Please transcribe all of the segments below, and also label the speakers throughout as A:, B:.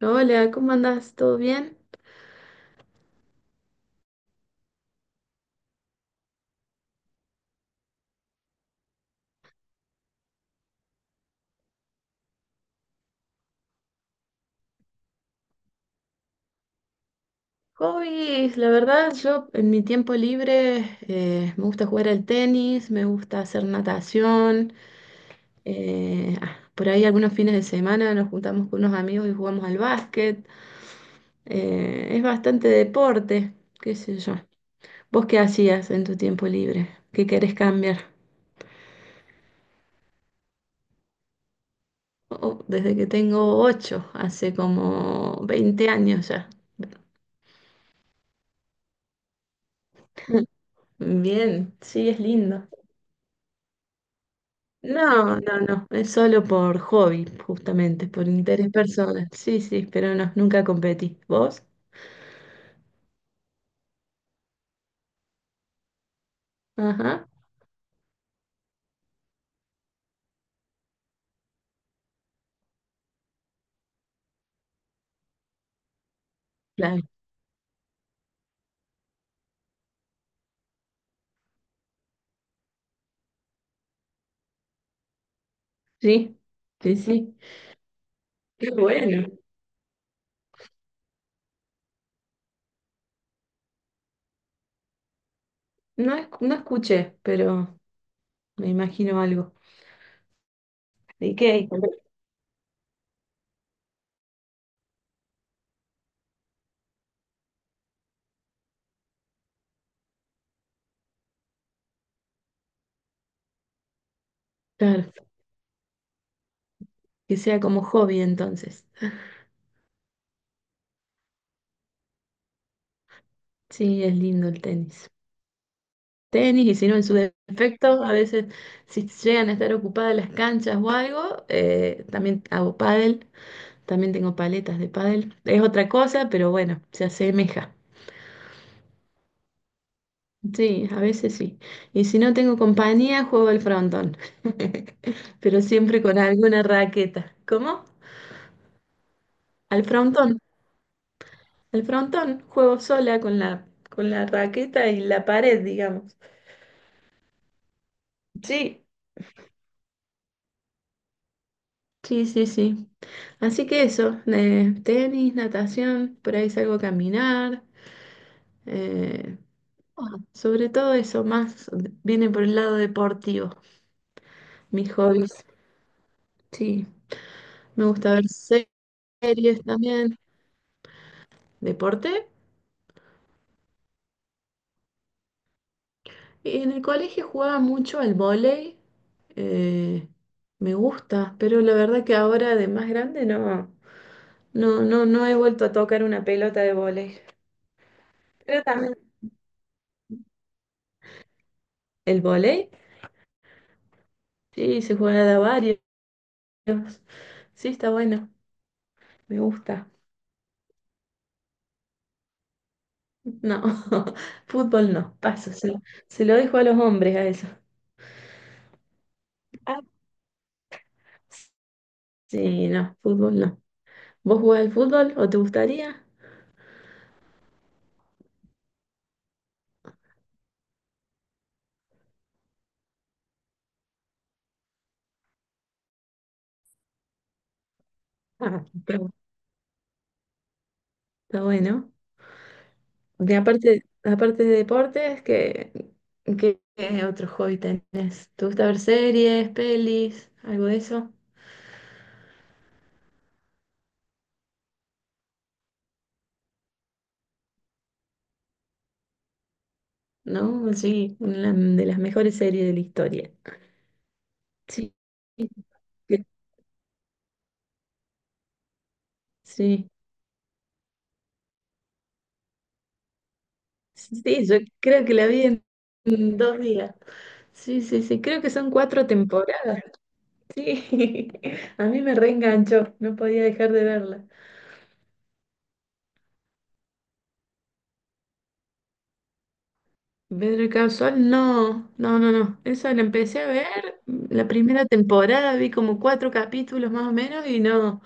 A: Hola, ¿cómo andás? ¿Todo bien? Hobbies, la verdad, yo en mi tiempo libre me gusta jugar al tenis, me gusta hacer natación. Por ahí algunos fines de semana nos juntamos con unos amigos y jugamos al básquet. Es bastante deporte, qué sé yo. ¿Vos qué hacías en tu tiempo libre? ¿Qué querés cambiar? Oh, Desde que tengo ocho, hace como 20 años ya. Bien, sí, es lindo. No, no, no, es solo por hobby, justamente, por interés personal. Sí, sí, pero no, nunca competí. ¿Vos? Ajá, claro. Sí, sí, sí. Qué bueno. No, no escuché, pero me imagino algo. ¿De qué? Claro, que sea como hobby entonces. Sí, es lindo el tenis. Tenis, y si no, en su defecto, a veces si llegan a estar ocupadas las canchas o algo, también hago pádel. También tengo paletas de pádel. Es otra cosa, pero bueno, se asemeja. Sí, a veces sí. Y si no tengo compañía, juego al frontón. Pero siempre con alguna raqueta. ¿Cómo? Al frontón. Al frontón. Juego sola con la raqueta y la pared, digamos. Sí, sí, sí, sí. Así que eso, tenis, natación, por ahí salgo a caminar. eh, Sobre todo eso, más viene por el lado deportivo, mis hobbies. Sí, me gusta ver series también, deporte. Y en el colegio jugaba mucho al vóley, eh, me gusta, pero la verdad que ahora de más grande no, no, no, no he vuelto a tocar una pelota de vóley. Pero también el vóley, sí, se juega de a varios. Sí, está bueno, me gusta. No, fútbol no, paso, se lo dejo a los hombres a eso. Ah, sí, no, fútbol no. ¿Vos jugás al fútbol o te gustaría? Ah, está Está bueno. Porque aparte, aparte de deportes, ¿qué otro hobby tenés? ¿Te gusta ver series, pelis, algo de eso? ¿No? Sí, una de las mejores series de la historia. Sí, que- sí, sí, yo creo que la vi en 2 días. Sí, sí, sí, creo que son cuatro temporadas. Sí, a mí me reenganchó, no podía dejar de verla. Better Call Saul, no, no, no, no. Esa la empecé a ver, la primera temporada vi como cuatro capítulos más o menos y no,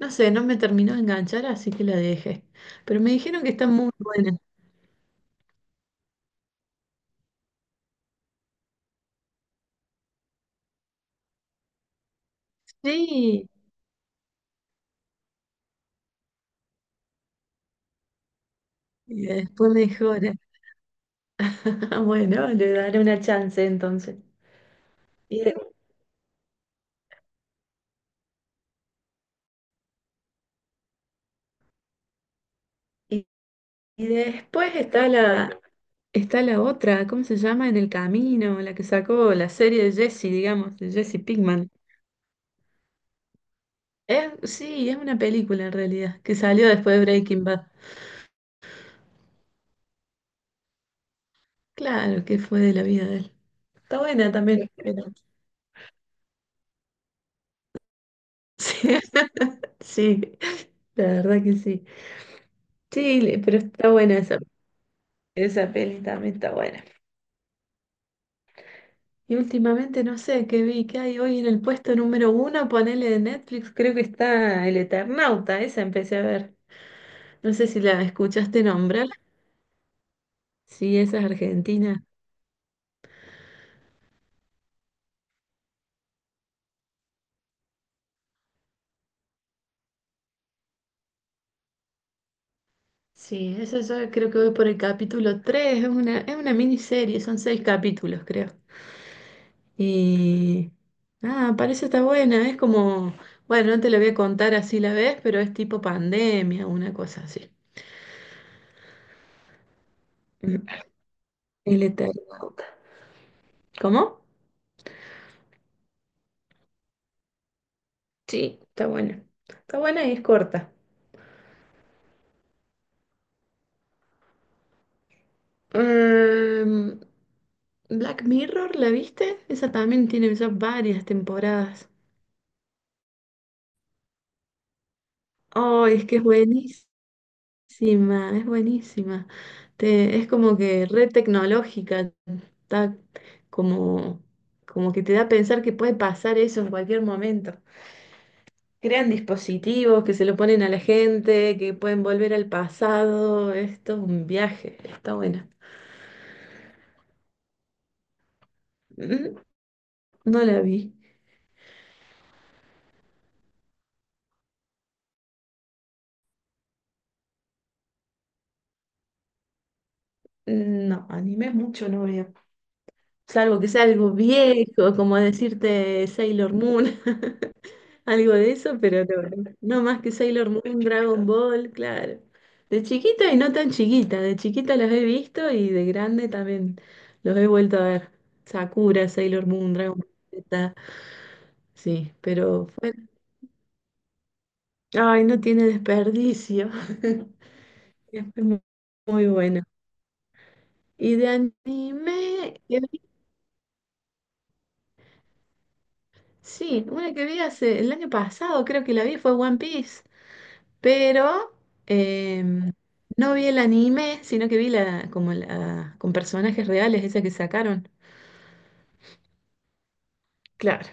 A: no sé, no me terminó de enganchar, así que la dejé. Pero me dijeron que está muy buena. Sí, y después mejora. Bueno, le daré una chance entonces. Y, de- y- y después está la otra, ¿cómo se llama? En el camino, la que sacó la serie de Jesse, digamos, de Jesse Pinkman. Sí, es una película en realidad, que salió después de Breaking Bad. Claro, que fue de la vida de él. Está buena también, pero sí, sí, la verdad que sí. Sí, pero está buena esa, esa peli también está buena. Y últimamente no sé qué vi, qué hay hoy en el puesto número uno, ponele de Netflix, creo que está El Eternauta, esa empecé a ver. No sé si la escuchaste nombrar, sí, esa es argentina. Sí, eso yo creo que voy por el capítulo 3. Es una miniserie, son seis capítulos, creo. Y parece está buena, es como, bueno, no te la voy a contar así la ves, pero es tipo pandemia, una cosa así. Mm. El Eternauta. ¿Cómo? Sí, está buena. Está buena y es corta. Em, Black Mirror, ¿la viste? Esa también tiene ya varias temporadas. Oh, es que es buenísima. Sí, ma, es buenísima. Te, es como que red tecnológica, está como, como que te da a pensar que puede pasar eso en cualquier momento. Crean dispositivos que se lo ponen a la gente, que pueden volver al pasado. Esto es un viaje, está buena. Mm. No la vi. No, anime mucho no veo. Salvo que sea algo viejo, como decirte Sailor Moon, algo de eso, pero no, no más que Sailor Moon, Dragon Ball, claro. De chiquita y no tan chiquita, de chiquita los he visto y de grande también los he vuelto a ver. Sakura, Sailor Moon, Dragon Ball Z, sí, ay, no tiene desperdicio. Es muy, muy bueno. Y de anime, sí, una que vi hace el año pasado, creo que la vi, fue One Piece. pero em, no vi el anime, sino que vi con personajes reales, esa que sacaron. Claro.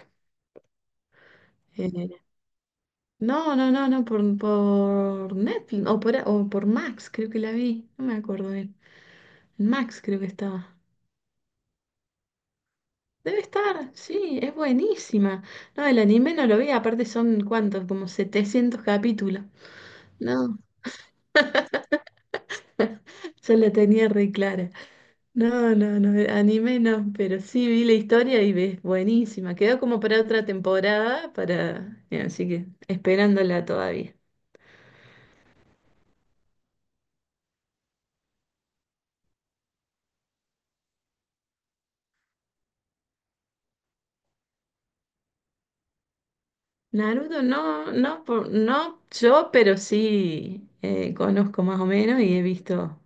A: Eh, no, no, no, no, por Netflix o por Max, creo que la vi, no me acuerdo bien. En Max creo que estaba. Debe estar, sí, es buenísima. No, el anime no lo vi, aparte son cuántos, como 700 capítulos. No, yo la tenía re clara. No, no, no, anime no, pero sí vi la historia y ves, buenísima. Quedó como para otra temporada, así que esperándola todavía. Naruto no, no, no yo, pero sí conozco más o menos y he visto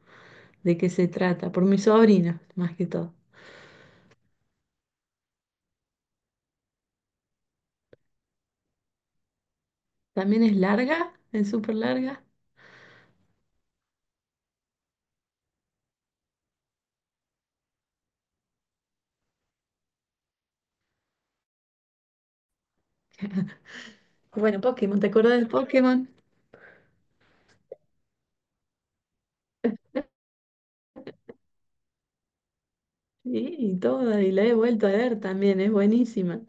A: de qué se trata, por mis sobrinos, más que todo. También es larga, es súper larga. Bueno, Pokémon, ¿te acuerdas del Pokémon? Sí, y toda, y la he vuelto a ver también, es buenísima.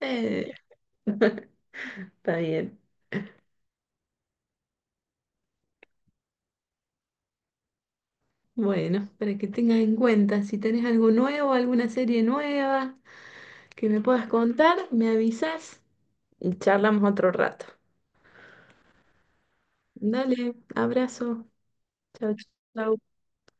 A: Eh, está bien. Bueno, para que tengas en cuenta, si tenés algo nuevo, alguna serie nueva que me puedas contar, me avisas y charlamos otro rato. Dale, abrazo. Chao, chao.